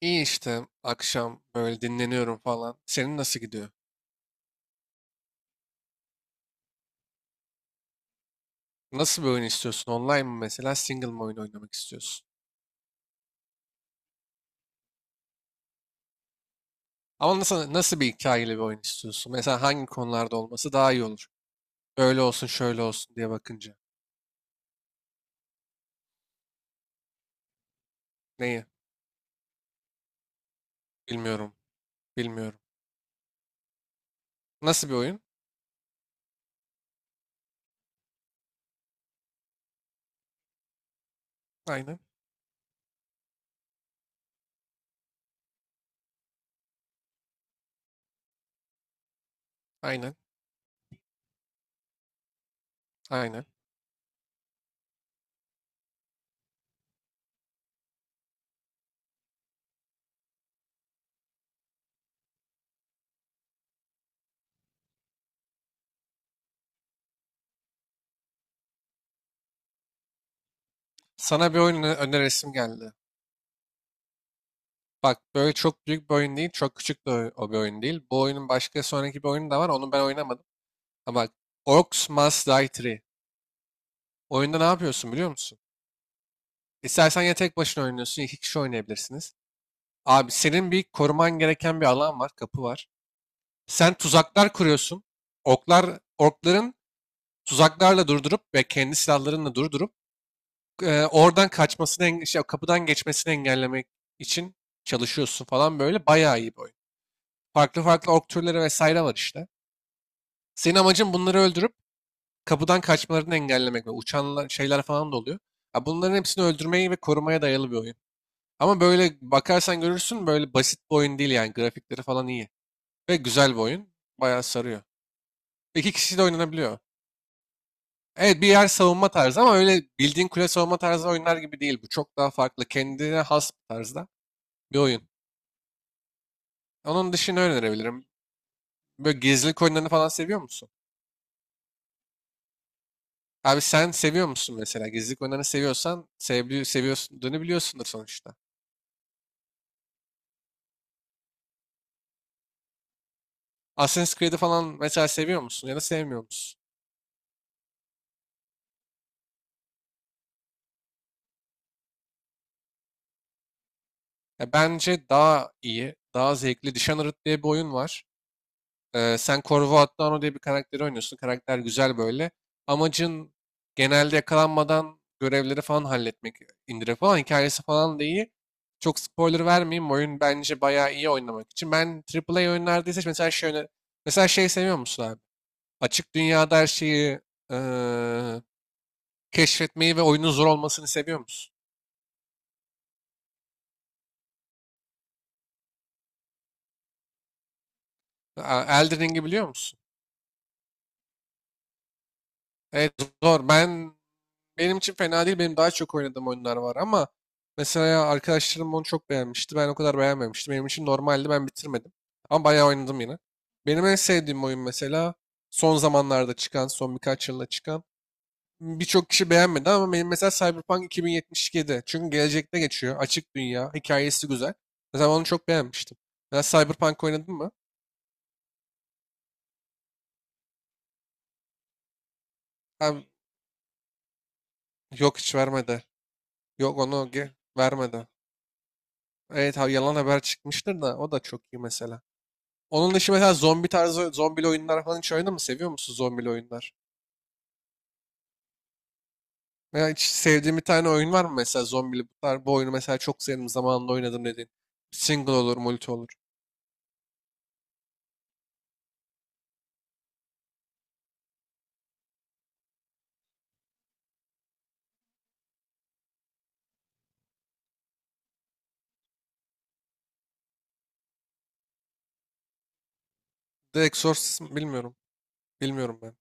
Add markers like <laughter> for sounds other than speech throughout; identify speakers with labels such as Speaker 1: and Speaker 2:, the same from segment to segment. Speaker 1: İyi işte akşam böyle dinleniyorum falan. Senin nasıl gidiyor? Nasıl bir oyun istiyorsun? Online mı mesela, single mı oyun oynamak istiyorsun? Ama nasıl bir hikayeli bir oyun istiyorsun? Mesela hangi konularda olması daha iyi olur? Böyle olsun şöyle olsun diye bakınca. Neyi? Bilmiyorum. Bilmiyorum. Nasıl bir oyun? Aynen. Aynen. Aynen. Sana bir oyun önerisim geldi. Bak, böyle çok büyük bir oyun değil. Çok küçük de o bir oyun değil. Bu oyunun başka sonraki bir oyunu da var. Onu ben oynamadım. Ama bak, Orcs Must Die 3. Oyunda ne yapıyorsun, biliyor musun? İstersen ya tek başına oynuyorsun, iki kişi oynayabilirsiniz. Abi, senin bir koruman gereken bir alan var, kapı var. Sen tuzaklar kuruyorsun. Oklar, orkların tuzaklarla durdurup ve kendi silahlarınla durdurup oradan kaçmasını, kapıdan geçmesini engellemek için çalışıyorsun falan böyle. Bayağı iyi bir oyun. Farklı farklı ork türleri vesaire var işte. Senin amacın bunları öldürüp kapıdan kaçmalarını engellemek ve uçan şeyler falan da oluyor. Ya bunların hepsini öldürmeyi ve korumaya dayalı bir oyun. Ama böyle bakarsan görürsün, böyle basit bir oyun değil yani, grafikleri falan iyi. Ve güzel bir oyun. Bayağı sarıyor. İki kişi de oynanabiliyor. Evet, bir yer savunma tarzı ama öyle bildiğin kule savunma tarzı oyunlar gibi değil. Bu çok daha farklı. Kendine has bir tarzda bir oyun. Onun dışında önerebilirim. Böyle gizlilik oyunlarını falan seviyor musun? Abi sen seviyor musun mesela? Gizlilik oyunlarını seviyorsan sevdi, seviyorsun, biliyorsundur sonuçta. Assassin's Creed'i falan mesela seviyor musun ya da sevmiyor musun? Ya bence daha iyi, daha zevkli. Dishonored diye bir oyun var. Sen Corvo Atano diye bir karakteri oynuyorsun. Karakter güzel böyle. Amacın genelde yakalanmadan görevleri falan halletmek, indirip falan. Hikayesi falan da iyi. Çok spoiler vermeyeyim. Oyun bence bayağı iyi oynamak için. Ben AAA oyunlarda ise mesela şey, mesela şey seviyor musun abi? Açık dünyada her şeyi eee, keşfetmeyi ve oyunun zor olmasını seviyor musun? Elden Ring'i biliyor musun? Evet, zor. Benim için fena değil. Benim daha çok oynadığım oyunlar var ama mesela arkadaşlarım onu çok beğenmişti. Ben o kadar beğenmemiştim. Benim için normaldi. Ben bitirmedim. Ama bayağı oynadım yine. Benim en sevdiğim oyun mesela son zamanlarda çıkan, son birkaç yılda çıkan. Birçok kişi beğenmedi ama benim mesela Cyberpunk 2077. Çünkü gelecekte geçiyor. Açık dünya. Hikayesi güzel. Mesela onu çok beğenmiştim. Ya Cyberpunk oynadın mı? Ha, yok hiç vermedi. Yok, vermedi. Evet ha, yalan haber çıkmıştır da o da çok iyi mesela. Onun dışı mesela zombi tarzı zombili oyunlar falan hiç oynadın mı? Seviyor musun zombili oyunlar? Veya hiç sevdiğin bir tane oyun var mı mesela zombili? Bunlar, bu oyunu mesela çok sevdim, zamanında oynadım dediğin. Single olur, multi olur. The Exorcist mi? Bilmiyorum. Bilmiyorum ben.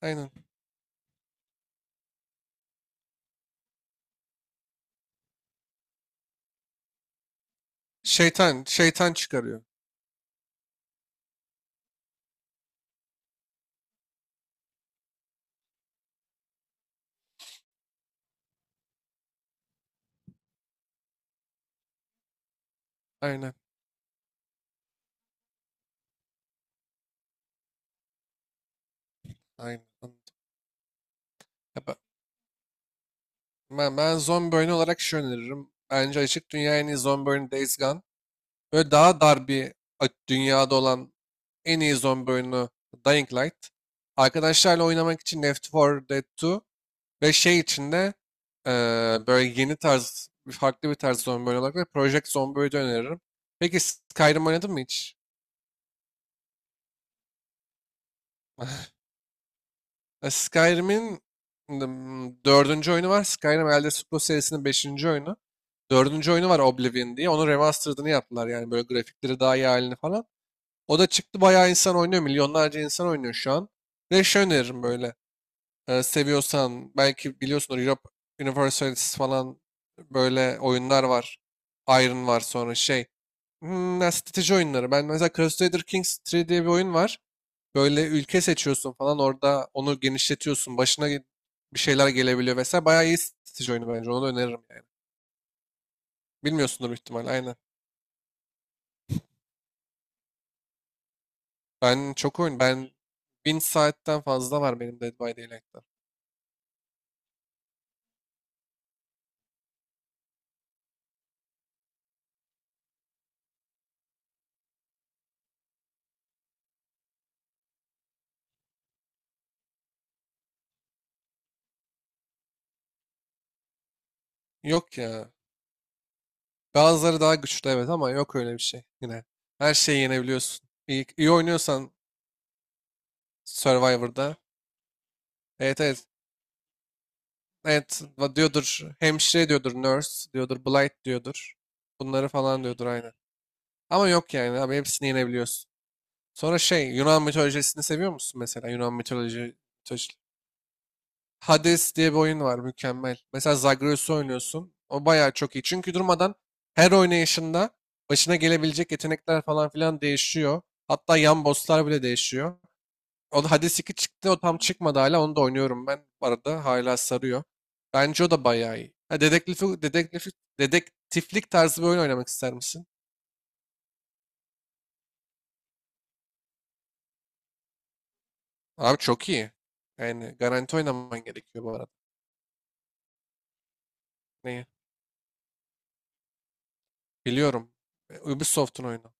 Speaker 1: Aynen. Şeytan çıkarıyor. Aynen. Aynen. Anladım. Ya ben zombi oyunu olarak şu öneririm. Bence açık dünya en iyi zombi oyunu Days Gone. Böyle daha dar bir dünyada olan en iyi zombi oyunu Dying Light. Arkadaşlarla oynamak için Left 4 Dead 2 ve şey içinde böyle yeni tarz, farklı bir tarz zombi oyunu olarak da Project Zomboid'i öneririm. Peki, Skyrim oynadın mı hiç? <laughs> Skyrim'in dördüncü oyunu var. Skyrim Elder Scrolls serisinin beşinci oyunu. Dördüncü oyunu var, Oblivion diye. Onun remastered'ını yaptılar. Yani böyle grafikleri daha iyi halini falan. O da çıktı, bayağı insan oynuyor. Milyonlarca insan oynuyor şu an. Ve şey öneririm böyle. Seviyorsan belki biliyorsunuz, Europe Universalis falan böyle oyunlar var. Iron var, sonra şey. Hmm, ya strateji oyunları. Ben mesela Crusader Kings 3 diye bir oyun var. Böyle ülke seçiyorsun falan, orada onu genişletiyorsun. Bir şeyler gelebiliyor vesaire. Bayağı iyi strateji oyunu bence. Onu da öneririm yani. Bilmiyorsundur büyük ihtimalle, aynen. Ben çok oyun. Ben 1000 saatten fazla var benim Dead by Daylight'ta. Yok ya. Bazıları daha güçlü evet ama yok öyle bir şey yine. Her şeyi yenebiliyorsun. İyi, iyi oynuyorsan Survivor'da. Evet, evet. Evet, diyordur hemşire, diyordur nurse, diyordur blight diyordur. Bunları falan diyordur aynen. Ama yok yani abi, hepsini yenebiliyorsun. Sonra şey, Yunan mitolojisini seviyor musun mesela? Mitoloji- Hades diye bir oyun var, mükemmel. Mesela Zagreus'u oynuyorsun. O bayağı çok iyi. Çünkü durmadan her oynayışında başına gelebilecek yetenekler falan filan değişiyor. Hatta yan bosslar bile değişiyor. O da, Hades 2 çıktı. O tam çıkmadı hala. Onu da oynuyorum ben. Bu arada hala sarıyor. Bence o da bayağı iyi. Ha, dedektiflik tarzı bir oyun oynamak ister misin? Abi çok iyi. Yani garanti oynaman gerekiyor bu arada. Neyi? Biliyorum. Ubisoft'un oyunu.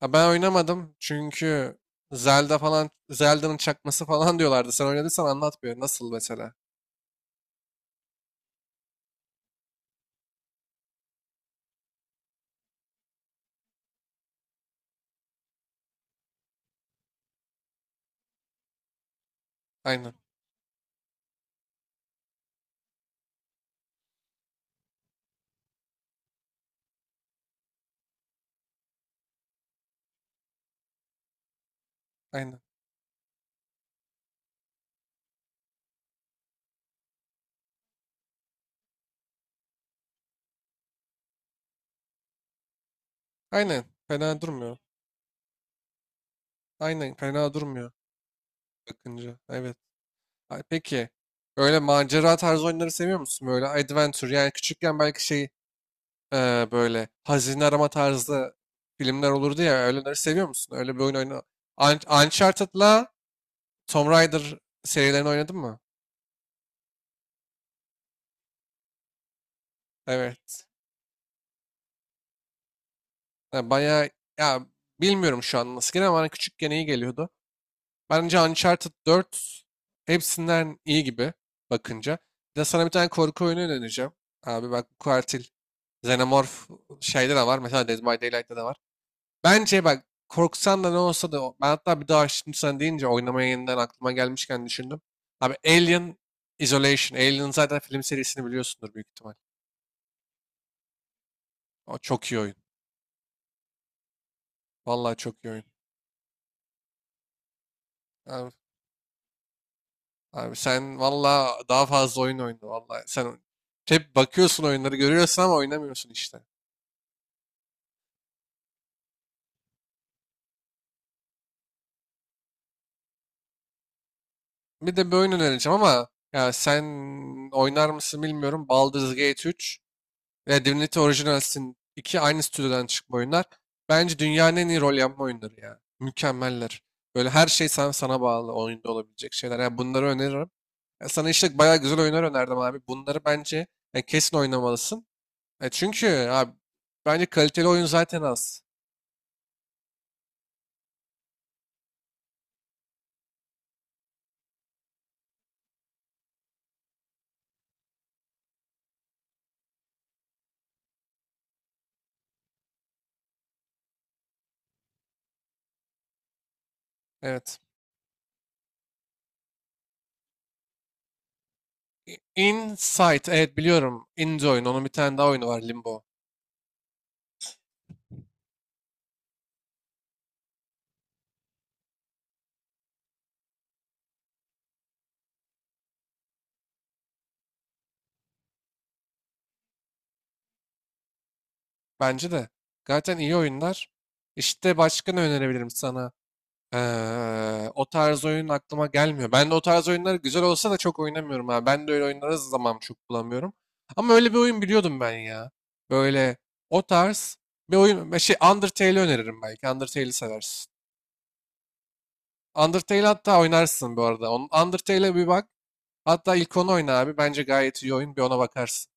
Speaker 1: Ha, ben oynamadım çünkü Zelda falan, Zelda'nın çakması falan <laughs> diyorlardı. Sen oynadıysan anlat bir. Nasıl mesela? Aynen. Aynen. Aynen. Fena durmuyor. Aynen. Fena durmuyor bakınca. Evet. Ay, peki. Öyle macera tarzı oyunları seviyor musun? Böyle adventure yani, küçükken belki şey, böyle hazine arama tarzı filmler olurdu ya, öyleleri seviyor musun? Öyle bir oyun oyna. Uncharted'la Tomb Raider serilerini oynadın mı? Evet. Ha, bayağı, ya bilmiyorum şu an nasıl geliyor ama bana küçükken iyi geliyordu. Bence Uncharted 4 hepsinden iyi gibi bakınca. Bir de sana bir tane korku oyunu önereceğim. Abi bak, bu katil Xenomorph şeyde de var. Mesela Dead by Daylight'ta da var. Bence bak, korksan da ne olsa da ben hatta bir daha şimdi sen deyince oynamaya yeniden aklıma gelmişken düşündüm. Abi Alien Isolation. Alien zaten film serisini biliyorsundur büyük ihtimal. O çok iyi oyun. Vallahi çok iyi oyun. Abi Abi sen valla daha fazla oyun oyna valla. Sen hep bakıyorsun, oyunları görüyorsun ama oynamıyorsun işte. Bir de bir oyun önereceğim ama ya sen oynar mısın bilmiyorum. Baldur's Gate 3 ve Divinity Original Sin 2 aynı stüdyodan çıkma oyunlar. Bence dünyanın en iyi rol yapma oyunları ya. Mükemmeller. Böyle her şey sana bağlı oyunda olabilecek şeyler. Ya bunları öneririm. Ya sana işte bayağı güzel oyunlar önerdim abi. Bunları bence ya kesin oynamalısın. E çünkü abi bence kaliteli oyun zaten az. Evet. Insight, evet biliyorum. Indie oyun. Onun bir tane daha oyunu var, Limbo. Bence de. Zaten iyi oyunlar. İşte başka ne önerebilirim sana? O tarz oyun aklıma gelmiyor. Ben de o tarz oyunlar güzel olsa da çok oynamıyorum ha. Ben de öyle oyunlara zaman çok bulamıyorum. Ama öyle bir oyun biliyordum ben ya. Böyle o tarz bir oyun. Şey, Undertale'i öneririm belki. Undertale'i seversin. Undertale hatta oynarsın bu arada. Undertale'e bir bak. Hatta ilk onu oyna abi. Bence gayet iyi oyun. Bir ona bakarsın.